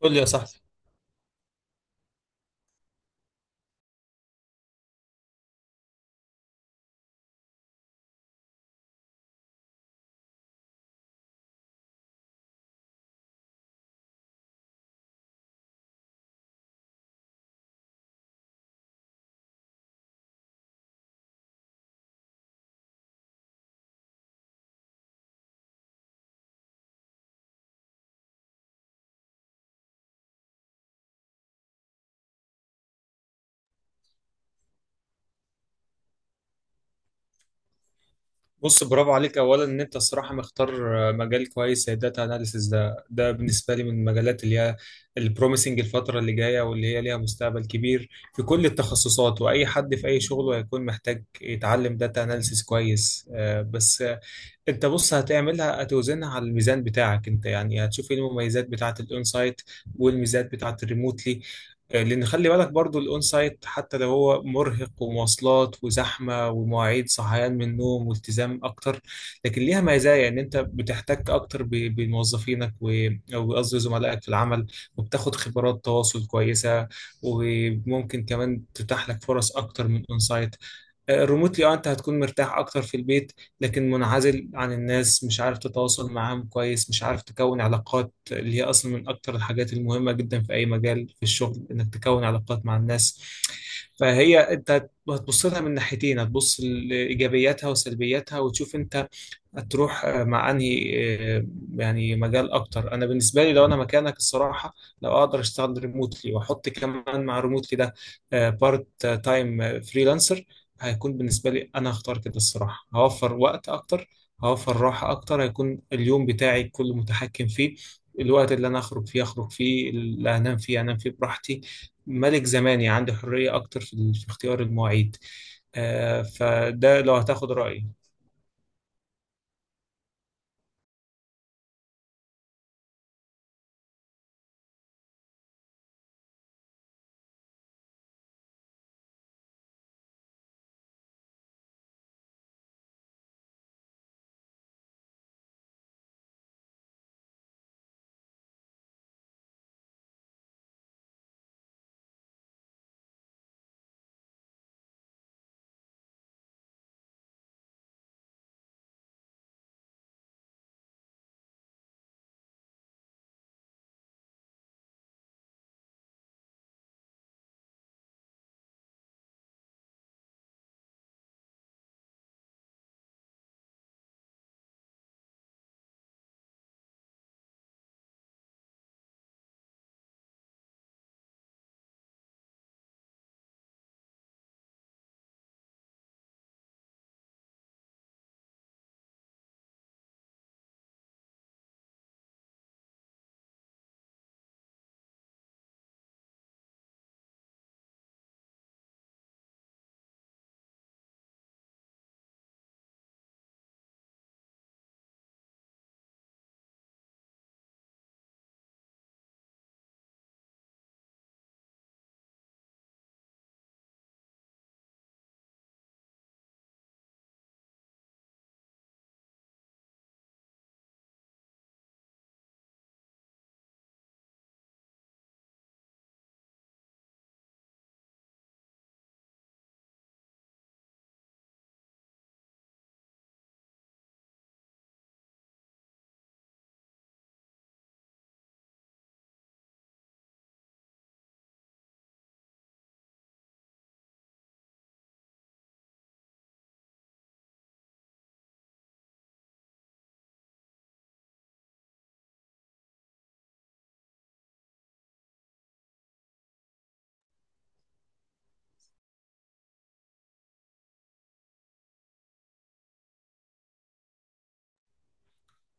قول لي يا صاحبي. بص، برافو عليك. اولا ان انت الصراحه مختار مجال كويس زي داتا اناليسيس. ده بالنسبه لي من المجالات اللي هي البروميسنج الفتره اللي جايه واللي هي ليها مستقبل كبير في كل التخصصات، واي حد في اي شغل هيكون محتاج يتعلم داتا اناليسيس كويس. آه، بس انت بص هتعملها، هتوزنها على الميزان بتاعك انت، يعني هتشوف ايه المميزات بتاعه الاون سايت والميزات بتاعه الريموتلي. آه، لان خلي بالك برضو الاون سايت حتى لو هو مرهق ومواصلات وزحمه ومواعيد صحيان من النوم والتزام اكتر، لكن ليها مزايا ان انت بتحتك اكتر بموظفينك او قصدي زملائك في العمل، وبتاخد خبرات تواصل كويسه، وممكن كمان تتاح لك فرص اكتر من اون سايت. ريموتلي اه انت هتكون مرتاح اكتر في البيت، لكن منعزل عن الناس، مش عارف تتواصل معاهم كويس، مش عارف تكون علاقات اللي هي اصلا من اكتر الحاجات المهمة جدا في اي مجال في الشغل، انك تكون علاقات مع الناس. فهي انت هتبص لها من ناحيتين، هتبص لايجابياتها وسلبياتها وتشوف انت هتروح آه، مع انهي آه، يعني مجال اكتر. انا بالنسبه لي لو انا مكانك الصراحه، لو اقدر اشتغل ريموتلي واحط كمان مع ريموتلي ده بارت تايم فريلانسر، هيكون بالنسبه لي انا هختار كده الصراحه. هوفر وقت اكتر، هوفر راحه اكتر، هيكون اليوم بتاعي كله متحكم فيه. الوقت اللي انا اخرج فيه اخرج فيه، اللي انام فيه انام فيه براحتي، ملك زماني، عندي حريه اكتر في اختيار المواعيد. آه، فده لو هتاخد رايي.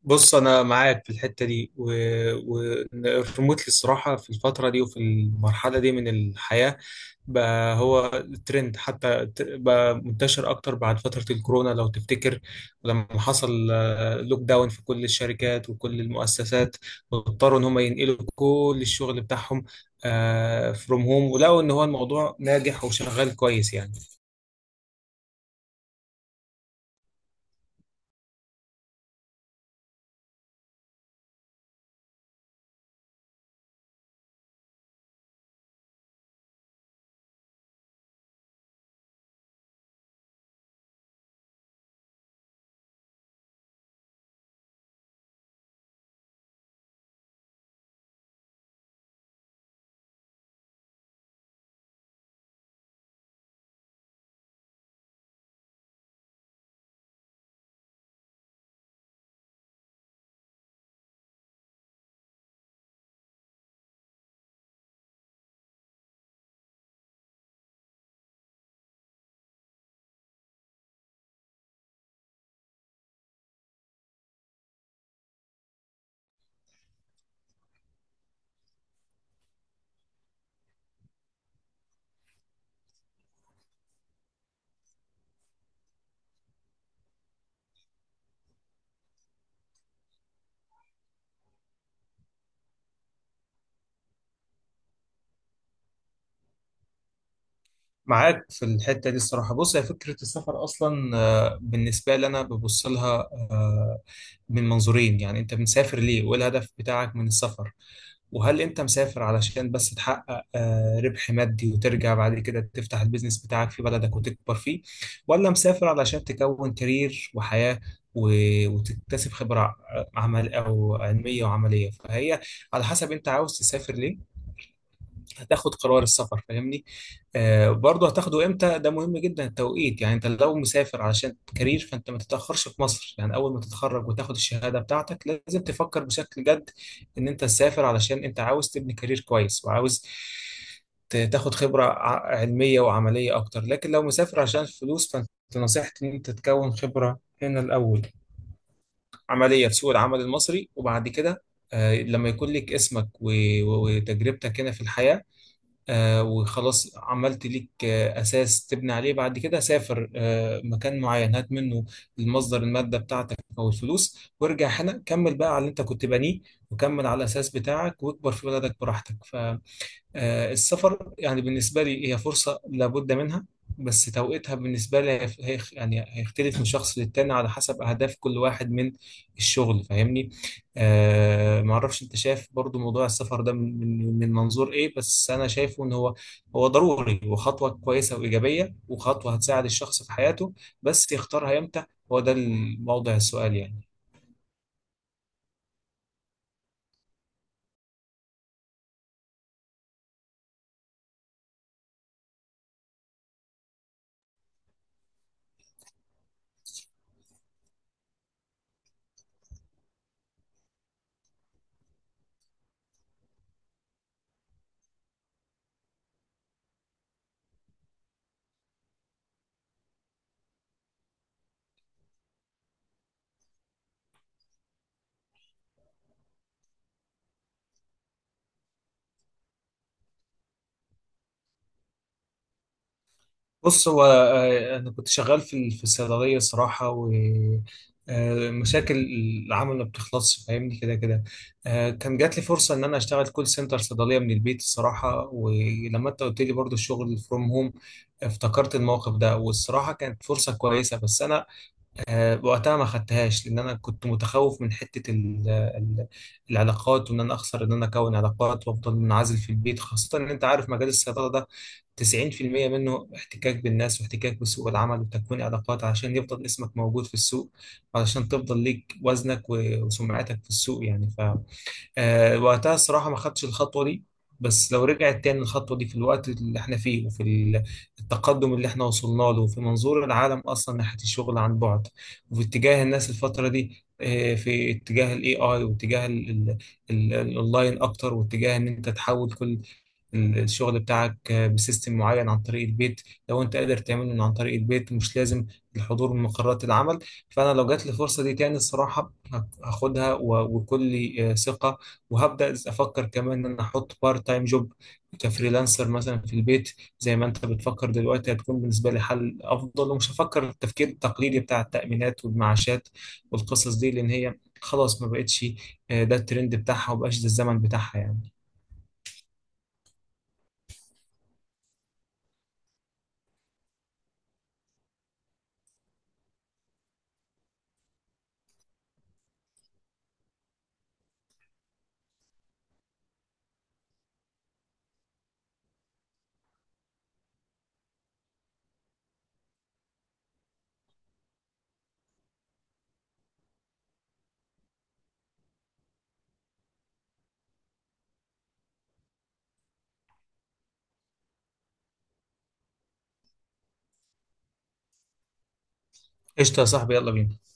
بص انا معاك في الحته دي، والريموتلي الصراحه في الفتره دي وفي المرحله دي من الحياه بقى هو ترند، حتى بقى منتشر اكتر بعد فتره الكورونا لو تفتكر لما حصل لوك داون في كل الشركات وكل المؤسسات، واضطروا ان هم ينقلوا كل الشغل بتاعهم فروم هوم، ولقوا ان هو الموضوع ناجح وشغال كويس يعني. معاك في الحتة دي الصراحة. بص، هي فكرة السفر أصلا آه، بالنسبة لي أنا ببص لها آه، من منظورين. يعني أنت مسافر ليه وإيه الهدف بتاعك من السفر؟ وهل أنت مسافر علشان بس تحقق آه، ربح مادي وترجع بعد كده تفتح البيزنس بتاعك في بلدك وتكبر فيه، ولا مسافر علشان تكون كارير وحياة وتكتسب خبرة عمل أو علمية وعملية. فهي على حسب أنت عاوز تسافر ليه، هتاخد قرار السفر. فاهمني؟ آه، برضه هتاخده امتى، ده مهم جدا التوقيت. يعني انت لو مسافر علشان كارير فانت ما تتاخرش في مصر، يعني اول ما تتخرج وتاخد الشهاده بتاعتك لازم تفكر بشكل جد ان انت تسافر، علشان انت عاوز تبني كارير كويس وعاوز تاخد خبره علميه وعمليه اكتر. لكن لو مسافر عشان فلوس فانت نصيحتي ان انت تكون خبره هنا الاول، عمليه في سوق العمل المصري، وبعد كده آه، لما يكون لك اسمك وتجربتك هنا في الحياه، آه، وخلاص عملت ليك آه، أساس تبني عليه، بعد كده سافر آه، مكان معين هات منه المصدر، المادة بتاعتك أو الفلوس، وارجع هنا كمل بقى على اللي أنت كنت بانيه، وكمل على الأساس بتاعك واكبر في بلدك براحتك. آه، السفر يعني بالنسبة لي هي فرصة لابد منها، بس توقيتها بالنسبة لي هي يعني هيختلف من شخص للتاني على حسب أهداف كل واحد من الشغل. فاهمني؟ آه، معرفش أنت شايف برضو موضوع السفر ده من منظور إيه، بس أنا شايفه إن هو هو ضروري وخطوة كويسة وإيجابية وخطوة هتساعد الشخص في حياته، بس يختارها إمتى، هو ده الموضع السؤال يعني. بص هو آه، انا كنت شغال في الصيدليه صراحه، و آه، مشاكل العمل ما بتخلصش. فاهمني؟ كده كده آه، كان جات لي فرصه ان انا اشتغل كول سنتر صيدليه من البيت الصراحه، ولما انت قلت لي برضو الشغل فروم هوم افتكرت الموقف ده، والصراحه كانت فرصه كويسه، بس انا آه، وقتها ما خدتهاش لان انا كنت متخوف من حته العلاقات، وان انا اخسر ان انا اكون علاقات وافضل منعزل في البيت، خاصه ان انت عارف مجال الصيدله ده 90% منه احتكاك بالناس واحتكاك بسوق العمل وتكوين علاقات عشان يفضل اسمك موجود في السوق، علشان تفضل ليك وزنك وسمعتك في السوق يعني. آه، وقتها الصراحة ما خدتش الخطوة دي. بس لو رجعت تاني الخطوة دي في الوقت اللي احنا فيه وفي التقدم اللي احنا وصلنا له، وفي منظور العالم أصلا ناحية الشغل عن بعد، وفي اتجاه الناس الفترة دي آه، في اتجاه الاي اي، واتجاه الاونلاين اكتر، واتجاه ان انت تحول كل الشغل بتاعك بسيستم معين عن طريق البيت. لو انت قادر تعمله من عن طريق البيت مش لازم الحضور من مقرات العمل. فانا لو جات لي الفرصه دي تاني الصراحه هاخدها وكل آه، ثقه، وهبدا افكر كمان ان انا احط بارت تايم جوب كفريلانسر مثلا في البيت زي ما انت بتفكر دلوقتي، هتكون بالنسبه لي حل افضل، ومش هفكر التفكير التقليدي بتاع التامينات والمعاشات والقصص دي، لان هي خلاص ما بقتش، آه، ده الترند بتاعها، وما بقاش ده الزمن بتاعها يعني. قشطه يا صاحبي، يلا بينا.